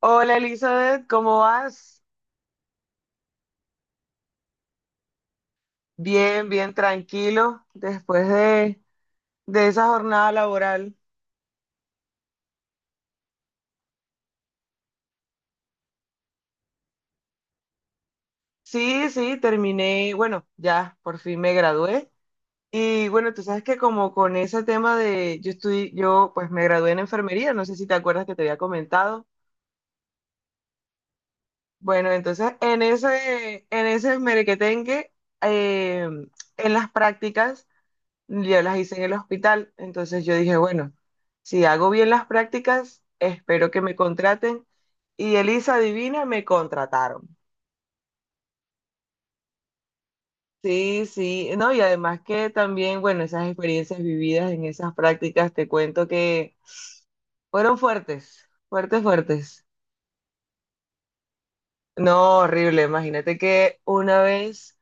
Hola Elizabeth, ¿cómo vas? Bien, bien, tranquilo después de esa jornada laboral. Sí, sí, terminé, bueno, ya por fin me gradué. Y bueno, tú sabes que como con ese tema de, yo estoy, yo pues me gradué en enfermería, no sé si te acuerdas que te había comentado. Bueno, entonces en ese merequetengue, eh, en las prácticas. Ya las hice en el hospital, entonces yo dije, bueno, si hago bien las prácticas, espero que me contraten. Y Elisa Divina me contrataron. Sí, sí, no, y además que también, bueno, esas experiencias vividas en esas prácticas, te cuento que fueron fuertes, fuertes, fuertes. No, horrible, imagínate que una vez,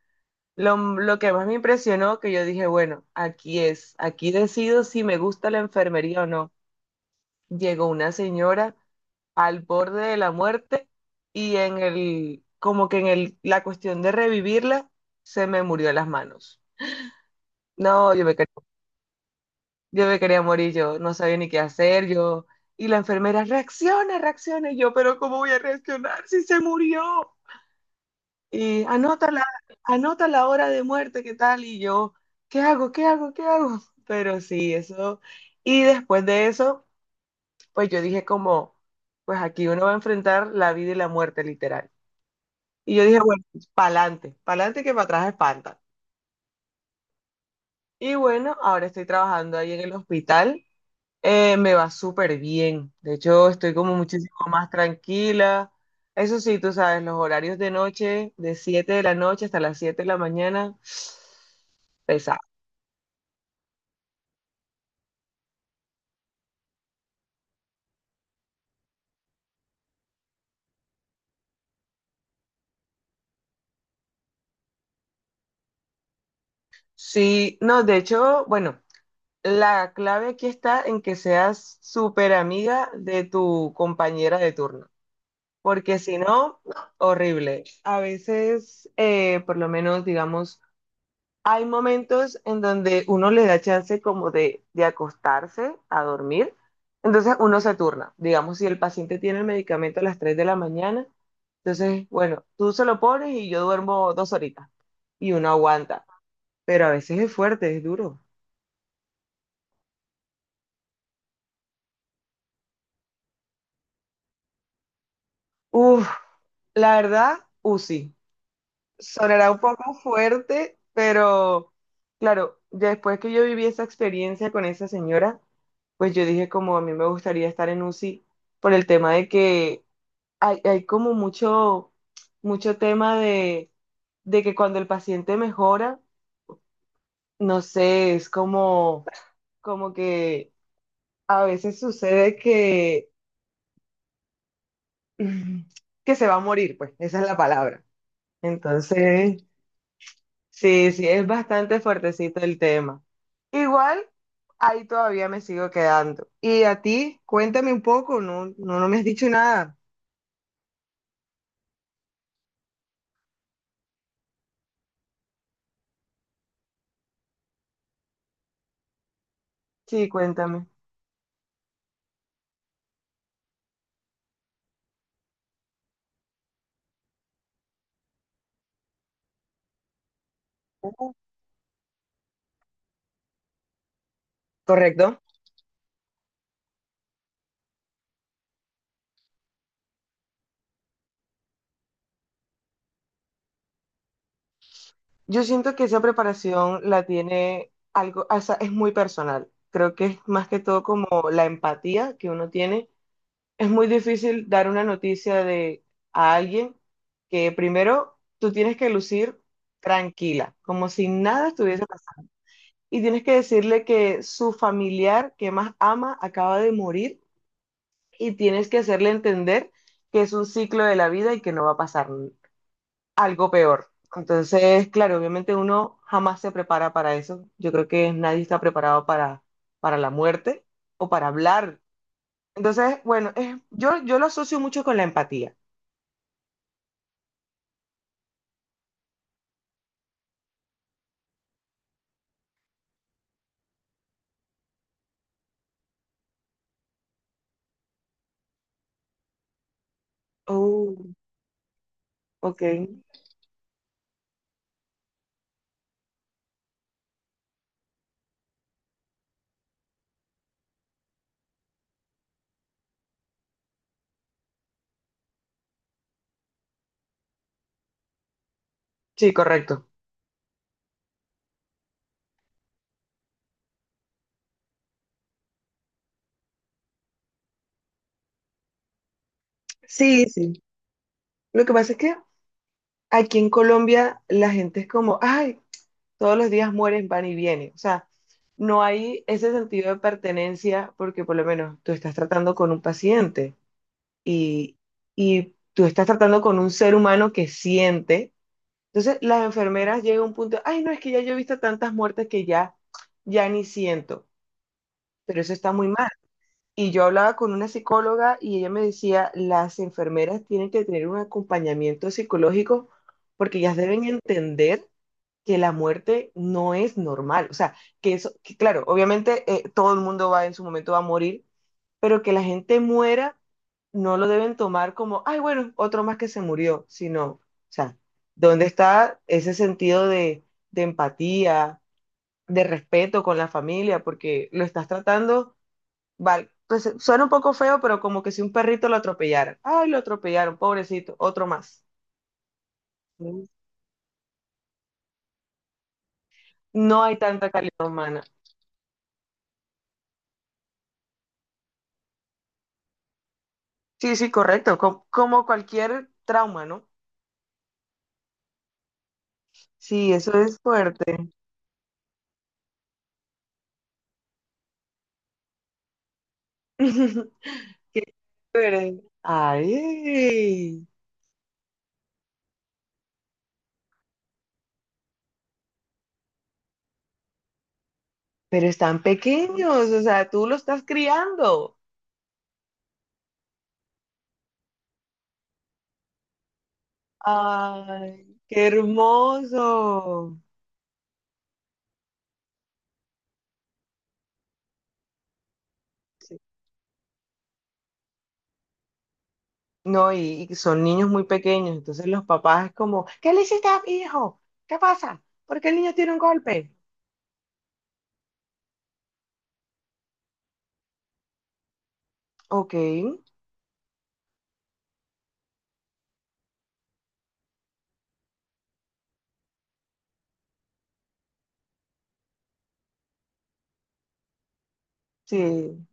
lo que más me impresionó, que yo dije, bueno, aquí es, aquí decido si me gusta la enfermería o no. Llegó una señora al borde de la muerte y en el, como que en el, la cuestión de revivirla, se me murió las manos. No, yo me quería morir, yo no sabía ni qué hacer, yo, y la enfermera, reacciona, reacciona, y yo, pero ¿cómo voy a reaccionar si se murió? Y anota la hora de muerte, ¿qué tal? Y yo, ¿qué hago? ¿Qué hago? ¿Qué hago? Pero sí, eso. Y después de eso, pues yo dije como, pues aquí uno va a enfrentar la vida y la muerte, literal. Y yo dije, bueno, pa'lante, pa'lante que para atrás espanta. Y bueno, ahora estoy trabajando ahí en el hospital. Me va súper bien. De hecho, estoy como muchísimo más tranquila. Eso sí, tú sabes, los horarios de noche, de 7 de la noche hasta las 7 de la mañana, pesado. Sí, no, de hecho, bueno, la clave aquí está en que seas súper amiga de tu compañera de turno. Porque si no, no, horrible. A veces, por lo menos, digamos, hay momentos en donde uno le da chance como de acostarse a dormir, entonces uno se turna. Digamos, si el paciente tiene el medicamento a las 3 de la mañana, entonces, bueno, tú se lo pones y yo duermo dos horitas y uno aguanta, pero a veces es fuerte, es duro. Uf, la verdad, u UCI. Sonará un poco fuerte, pero claro, ya después que yo viví esa experiencia con esa señora, pues yo dije como a mí me gustaría estar en UCI por el tema de que hay como mucho, mucho tema de que cuando el paciente mejora, no sé, es como, como que a veces sucede que, que se va a morir, pues, esa es la palabra. Entonces, sí, sí, es bastante fuertecito el tema. Igual, ahí todavía me sigo quedando. Y a ti, cuéntame un poco, no, no, no me has dicho nada. Sí, cuéntame. Ujú. Correcto. Yo siento que esa preparación la tiene algo, o sea, es muy personal. Creo que es más que todo como la empatía que uno tiene. Es muy difícil dar una noticia de a alguien que primero tú tienes que lucir tranquila, como si nada estuviese y tienes que decirle que su familiar que más ama acaba de morir y tienes que hacerle entender que es un ciclo de la vida y que no va a pasar algo peor. Entonces, claro, obviamente uno jamás se prepara para eso. Yo creo que nadie está preparado para la muerte o para hablar. Entonces, bueno, es- yo lo asocio mucho con la empatía. Oh, ok. Sí, correcto. Sí, sí. Lo que pasa es que aquí en Colombia la gente es como, ay, todos los días mueren, van y vienen. O sea, no hay ese sentido de pertenencia porque por lo menos tú estás tratando con un paciente y, y tú estás tratando con un ser humano que siente. Entonces las enfermeras llegan a un punto, ay, no, es que ya yo he visto tantas muertes que ya, ya ni siento, pero eso está muy mal. Y yo hablaba con una psicóloga y ella me decía, las enfermeras tienen que tener un acompañamiento psicológico porque ellas deben entender que la muerte no es normal. O sea, que eso, que claro, obviamente todo el mundo va en su momento va a morir, pero que la gente muera no lo deben tomar como, ay, bueno, otro más que se murió, sino, o sea, ¿dónde está ese sentido de empatía, de respeto con la familia? Porque lo estás tratando, vale, pues suena un poco feo, pero como que si un perrito lo atropellara, ay, lo atropellaron, pobrecito, otro más. No hay tanta calidad humana. Sí, sí, correcto, co- como cualquier trauma, ¿no? Sí, eso es fuerte. Qué chévere. Ay, pero están pequeños, o sea, tú los estás criando. Ay, qué hermoso. Sí. No, y son niños muy pequeños, entonces los papás es como, ¿qué le hiciste a mi hijo? ¿Qué pasa? ¿Por qué el niño tiene un golpe? Ok, sí.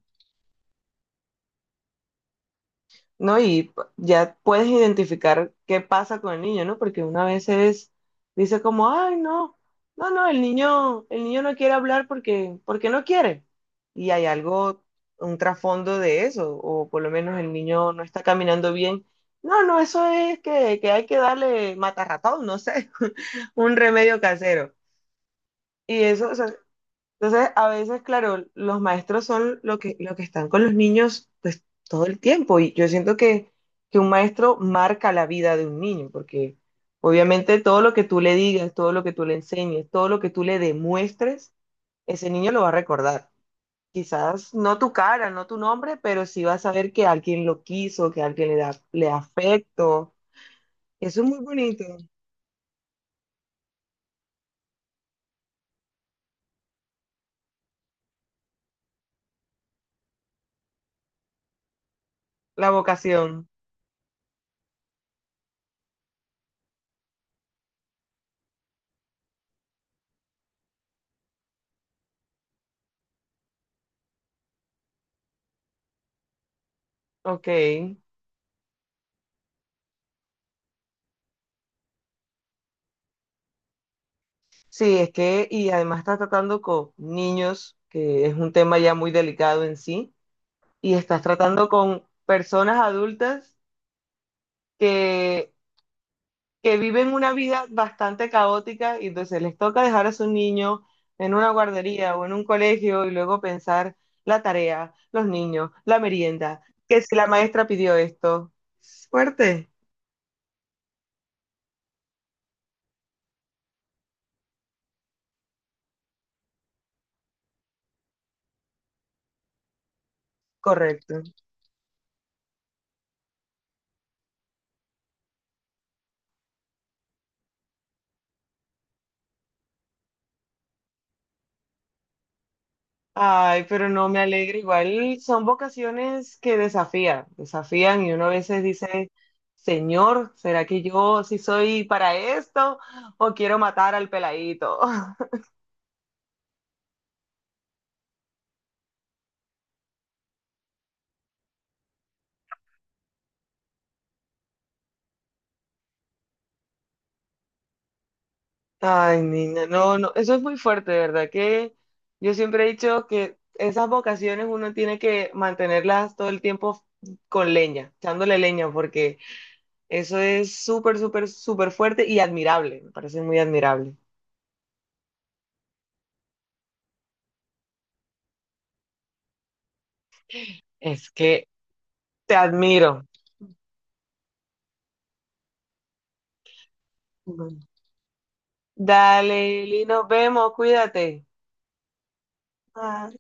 ¿No? Y ya puedes identificar qué pasa con el niño, ¿no? Porque una vez es, dice como, ay, no, no, no, el niño no quiere hablar porque, porque no quiere. Y hay algo, un trasfondo de eso, o por lo menos el niño no está caminando bien. No, no, eso es que hay que darle matarratón, no sé, un remedio casero. Y eso, o sea, entonces, a veces, claro, los maestros son lo que están con los niños, pues, todo el tiempo. Y yo siento que un maestro marca la vida de un niño, porque obviamente todo lo que tú le digas, todo lo que tú le enseñes, todo lo que tú le demuestres, ese niño lo va a recordar. Quizás no tu cara, no tu nombre, pero sí va a saber que alguien lo quiso, que alguien le da afecto. Eso es muy bonito, la vocación. Ok. Sí, es que, y además estás tratando con niños, que es un tema ya muy delicado en sí, y estás tratando con personas adultas que, que viven una vida bastante caótica y entonces les toca dejar a su niño en una guardería o en un colegio y luego pensar la tarea, los niños, la merienda, que si la maestra pidió esto. Fuerte, correcto. Ay, pero no me alegra. Igual son vocaciones que desafían, desafían y uno a veces dice, Señor, ¿será que yo sí soy para esto o quiero matar al peladito? Ay, niña, no, no, eso es muy fuerte, de verdad que yo siempre he dicho que esas vocaciones uno tiene que mantenerlas todo el tiempo con leña, echándole leña, porque eso es súper, súper, súper fuerte y admirable, me parece muy admirable. Es que te admiro. Dale, Lili, nos vemos, cuídate. Bye.